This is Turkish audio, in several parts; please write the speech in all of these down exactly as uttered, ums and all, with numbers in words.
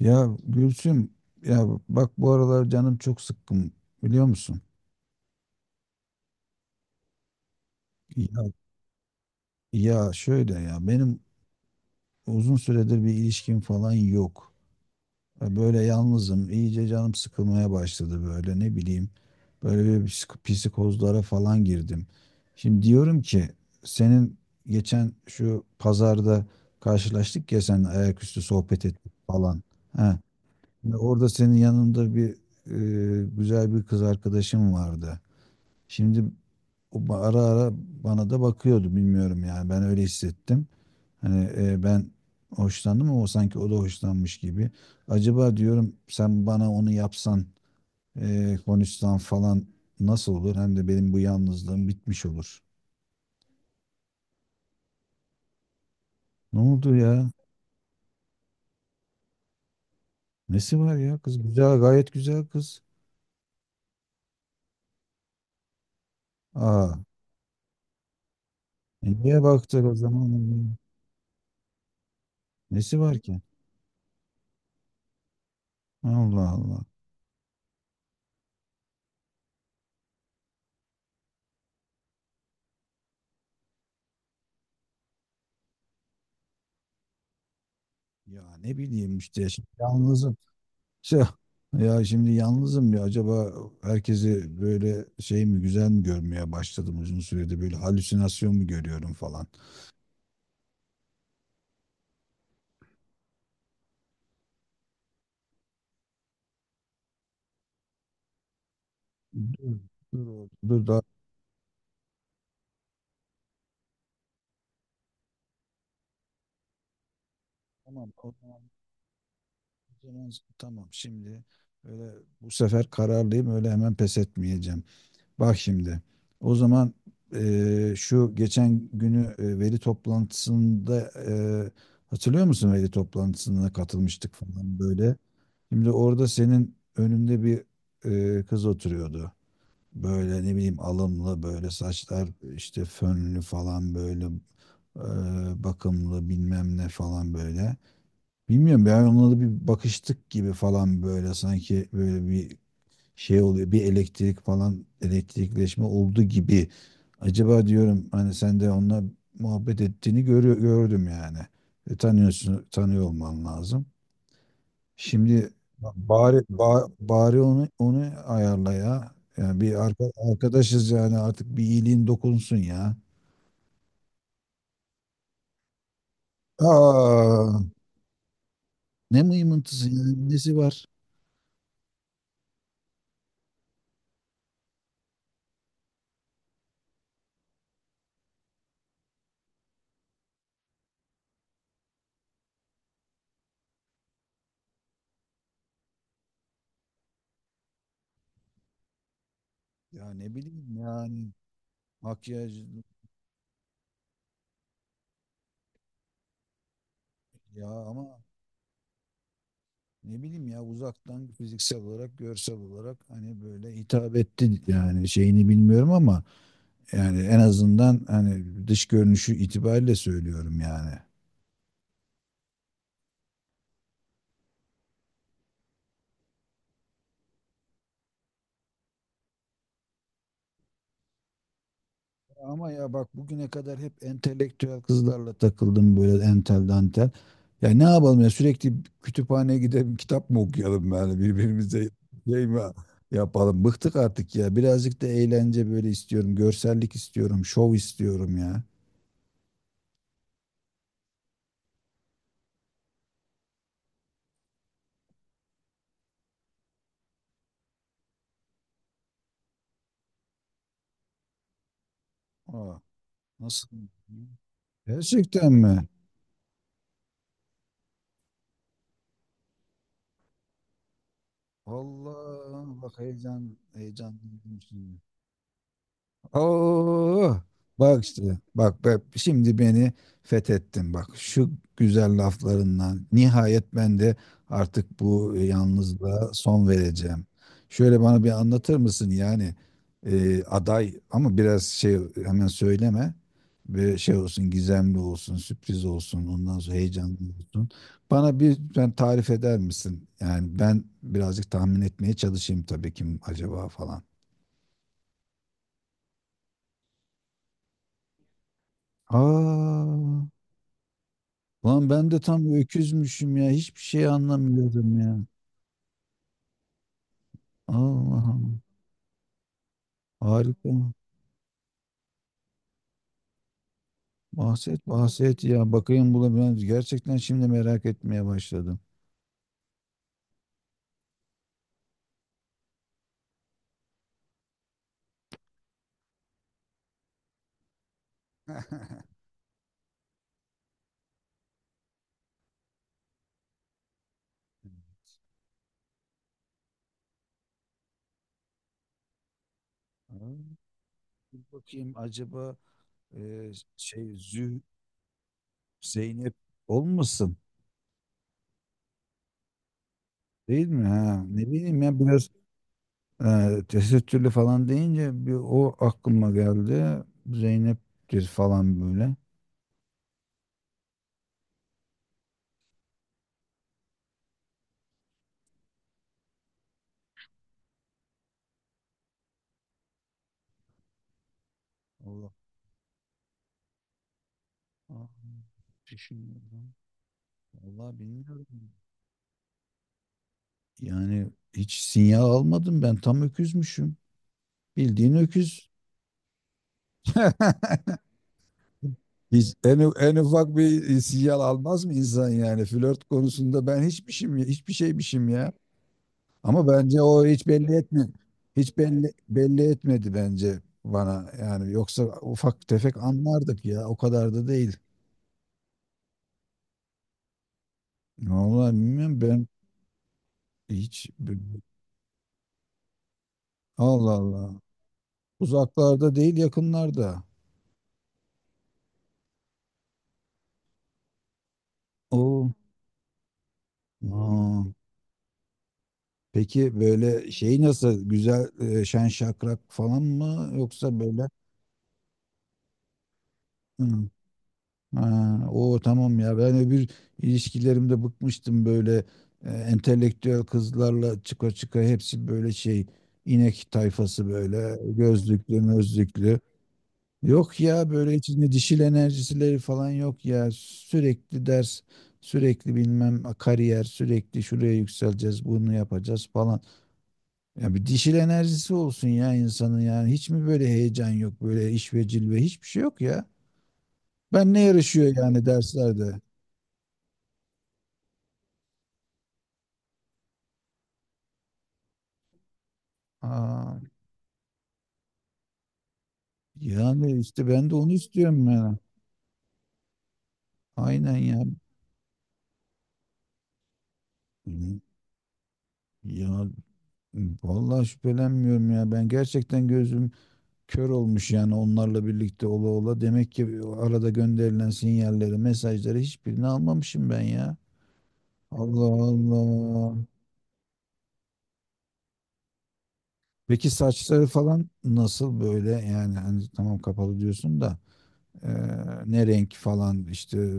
Ya Gülsüm, ya bak, bu aralar canım çok sıkkın, biliyor musun? Ya, ya şöyle, ya benim uzun süredir bir ilişkim falan yok. Ya böyle yalnızım, iyice canım sıkılmaya başladı, böyle ne bileyim. Böyle bir psik- psikozlara falan girdim. Şimdi diyorum ki, senin geçen şu pazarda karşılaştık ya sen, ayaküstü sohbet ettik falan. Ha, ve orada senin yanında bir e, güzel bir kız arkadaşım vardı. Şimdi o ba- ara ara bana da bakıyordu, bilmiyorum yani, ben öyle hissettim. Hani e, ben hoşlandım ama o sanki o da hoşlanmış gibi. Acaba diyorum sen bana onu yapsan, e, konuşsan falan, nasıl olur? Hem de benim bu yalnızlığım bitmiş olur. Ne oldu ya? Nesi var ya kız? Güzel, gayet güzel kız. Aa, e, niye baktık o zaman? Nesi var ki? Allah Allah. Ya ne bileyim işte, şimdi yalnızım. Şey, ya şimdi yalnızım ya, acaba herkesi böyle şey mi, güzel mi görmeye başladım, uzun süredir böyle halüsinasyon mu görüyorum falan. Dur, dur oğlum, dur daha. Tamam o zaman, o zaman tamam şimdi, öyle bu sefer kararlıyım, öyle hemen pes etmeyeceğim. Bak şimdi. O zaman eee, şu geçen günü, e, veri toplantısında, eee, hatırlıyor musun, veri toplantısına katılmıştık falan böyle. Şimdi orada senin önünde bir eee, kız oturuyordu. Böyle ne bileyim, alımlı, böyle saçlar işte fönlü falan, böyle eee, bakımlı, bilmem ne falan böyle. Bilmiyorum, ben onunla da bir bakıştık gibi falan, böyle sanki böyle bir şey oluyor, bir elektrik falan, elektrikleşme oldu gibi. Acaba diyorum hani sen de onunla muhabbet ettiğini görüyor, gördüm yani. E, tanıyorsun, tanıyor olman lazım. Şimdi bari ba- bari onu onu ayarla ya. Yani bir arka, arkadaşız yani, artık bir iyiliğin dokunsun ya. Aa, ne mıymıntısı ya, nesi var? Ya ne bileyim yani, makyaj, ya ama ne bileyim ya, uzaktan fiziksel olarak, görsel olarak, hani böyle hitap etti yani, şeyini bilmiyorum ama, yani en azından hani dış görünüşü itibariyle söylüyorum yani. Ama ya bak, bugüne kadar hep entelektüel kızlarla takıldım, böyle entel dantel. Ya ne yapalım ya, sürekli kütüphaneye gidelim, kitap mı okuyalım yani birbirimize, şey mi yapalım. Bıktık artık ya, birazcık da eğlence böyle istiyorum, görsellik istiyorum, şov istiyorum ya. Aa, nasıl? Gerçekten mi? Allah, bak heyecan heyecan duydum şimdi. Oo, bak işte, bak, bak şimdi beni fethettin, bak şu güzel laflarından, nihayet ben de artık bu yalnızlığa son vereceğim. Şöyle bana bir anlatır mısın yani, e, aday ama biraz şey, hemen söyleme, bir şey olsun, gizemli olsun, sürpriz olsun, ondan sonra heyecanlı olsun. Bana bir, ben tarif eder misin? Yani ben birazcık tahmin etmeye çalışayım, tabii kim acaba falan. Aa. Lan ben de tam öküzmüşüm ya. Hiçbir şey anlamıyordum ya. Allah Allah. Harika. Bahset bahset ya. Bakayım, buna ben gerçekten şimdi merak etmeye başladım. Aa, dur bakayım, acaba e, şey Zü Zeynep olmasın değil mi? Ha, ne bileyim ya, biraz e, tesettürlü falan deyince bir o aklıma geldi. Zeynep'tir falan böyle. Allah. Aa, düşünüyorum. Vallahi bilmiyorum. Yani hiç sinyal almadım ben, tam öküzmüşüm. Bildiğin öküz. Hiç en, en ufak bir sinyal almaz mı insan yani? Flört konusunda ben hiçmişim, ya- hiçbir şeymişim ya. Ama bence o hiç belli etme. Hiç belli, belli etmedi bence bana. Yani yoksa ufak tefek anlardık ya. O kadar da değil. Vallahi bilmiyorum ben, hiç. Allah Allah. Uzaklarda değil, yakınlarda. O. Aa, peki böyle şey nasıl, güzel, e, şen şakrak falan mı, yoksa böyle? Hı. Ha, o tamam ya, ben öbür ilişkilerimde bıkmıştım, böyle e, entelektüel kızlarla çıka çıka, hepsi böyle şey, inek tayfası, böyle gözlüklü mözlüklü. Yok ya, böyle içinde dişil enerjisileri falan yok ya, sürekli ders, sürekli bilmem kariyer, sürekli şuraya yükseleceğiz, bunu yapacağız falan. Ya bir dişil enerjisi olsun ya insanın, yani. Hiç mi böyle heyecan yok, böyle iş ve cilve, hiçbir şey yok ya. Ben ne yarışıyor yani derslerde? Aa, yani işte ben de onu istiyorum ya. Aynen ya. Ya vallahi şüphelenmiyorum ya. Ben gerçekten gözüm kör olmuş yani, onlarla birlikte ola ola. Demek ki o arada gönderilen sinyalleri, mesajları, hiçbirini almamışım ben ya. Allah Allah. Peki saçları falan nasıl böyle, yani hani tamam kapalı diyorsun da, e, ne renk falan işte,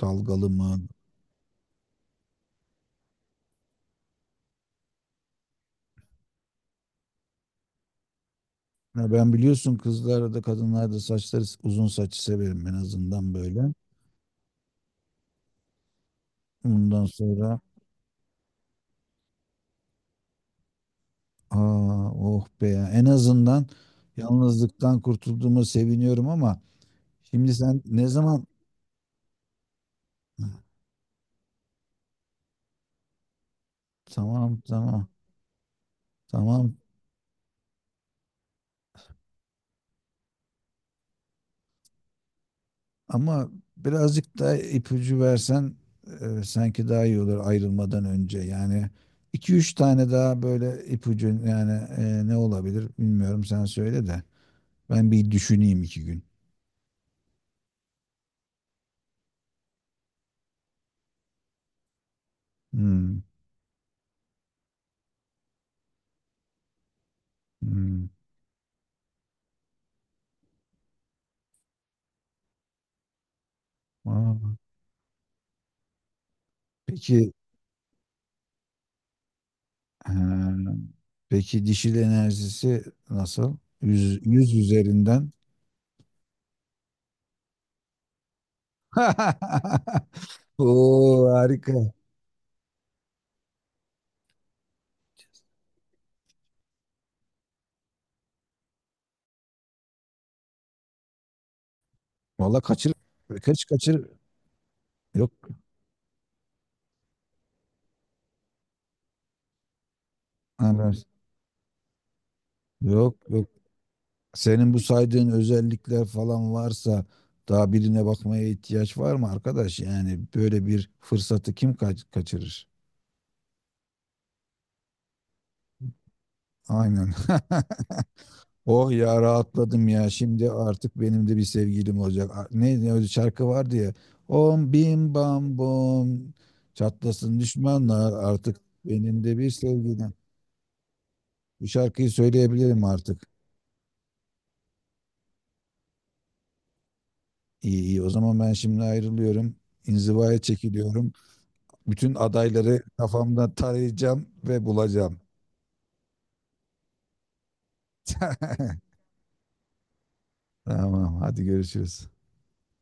dalgalı mı? Ya ben biliyorsun kızlarda da kadınlarda da saçları uzun, saçı severim en azından böyle. Bundan sonra, aa, oh be ya, en azından yalnızlıktan kurtulduğuma seviniyorum ama, şimdi sen ne zaman. Tamam, tamam, tamam. Ama birazcık da ipucu versen, e, sanki daha iyi olur, ayrılmadan önce. Yani iki üç tane daha böyle ipucu, yani e, ne olabilir bilmiyorum, sen söyle de. Ben bir düşüneyim iki gün. Hmm, hmm. Aa, peki. Ha, peki dişil enerjisi nasıl? yüz yüz üzerinden. Oo, harika. Valla, kaçır, kaç kaçır. Yok. Ha, ben- yok, yok. Senin bu saydığın özellikler falan varsa, daha birine bakmaya ihtiyaç var mı arkadaş? Yani böyle bir fırsatı kim kaç- kaçırır? Aynen. Oh ya, rahatladım ya. Şimdi artık benim de bir sevgilim olacak. A- Ne, ne öyle şarkı vardı ya. Om bim bam bom. Çatlasın düşmanlar, artık benim de bir sevgilim. Bu şarkıyı söyleyebilirim artık. İyi, iyi. O zaman ben şimdi ayrılıyorum. İnzivaya çekiliyorum. Bütün adayları kafamda tarayacağım ve bulacağım. Tamam, hadi görüşürüz.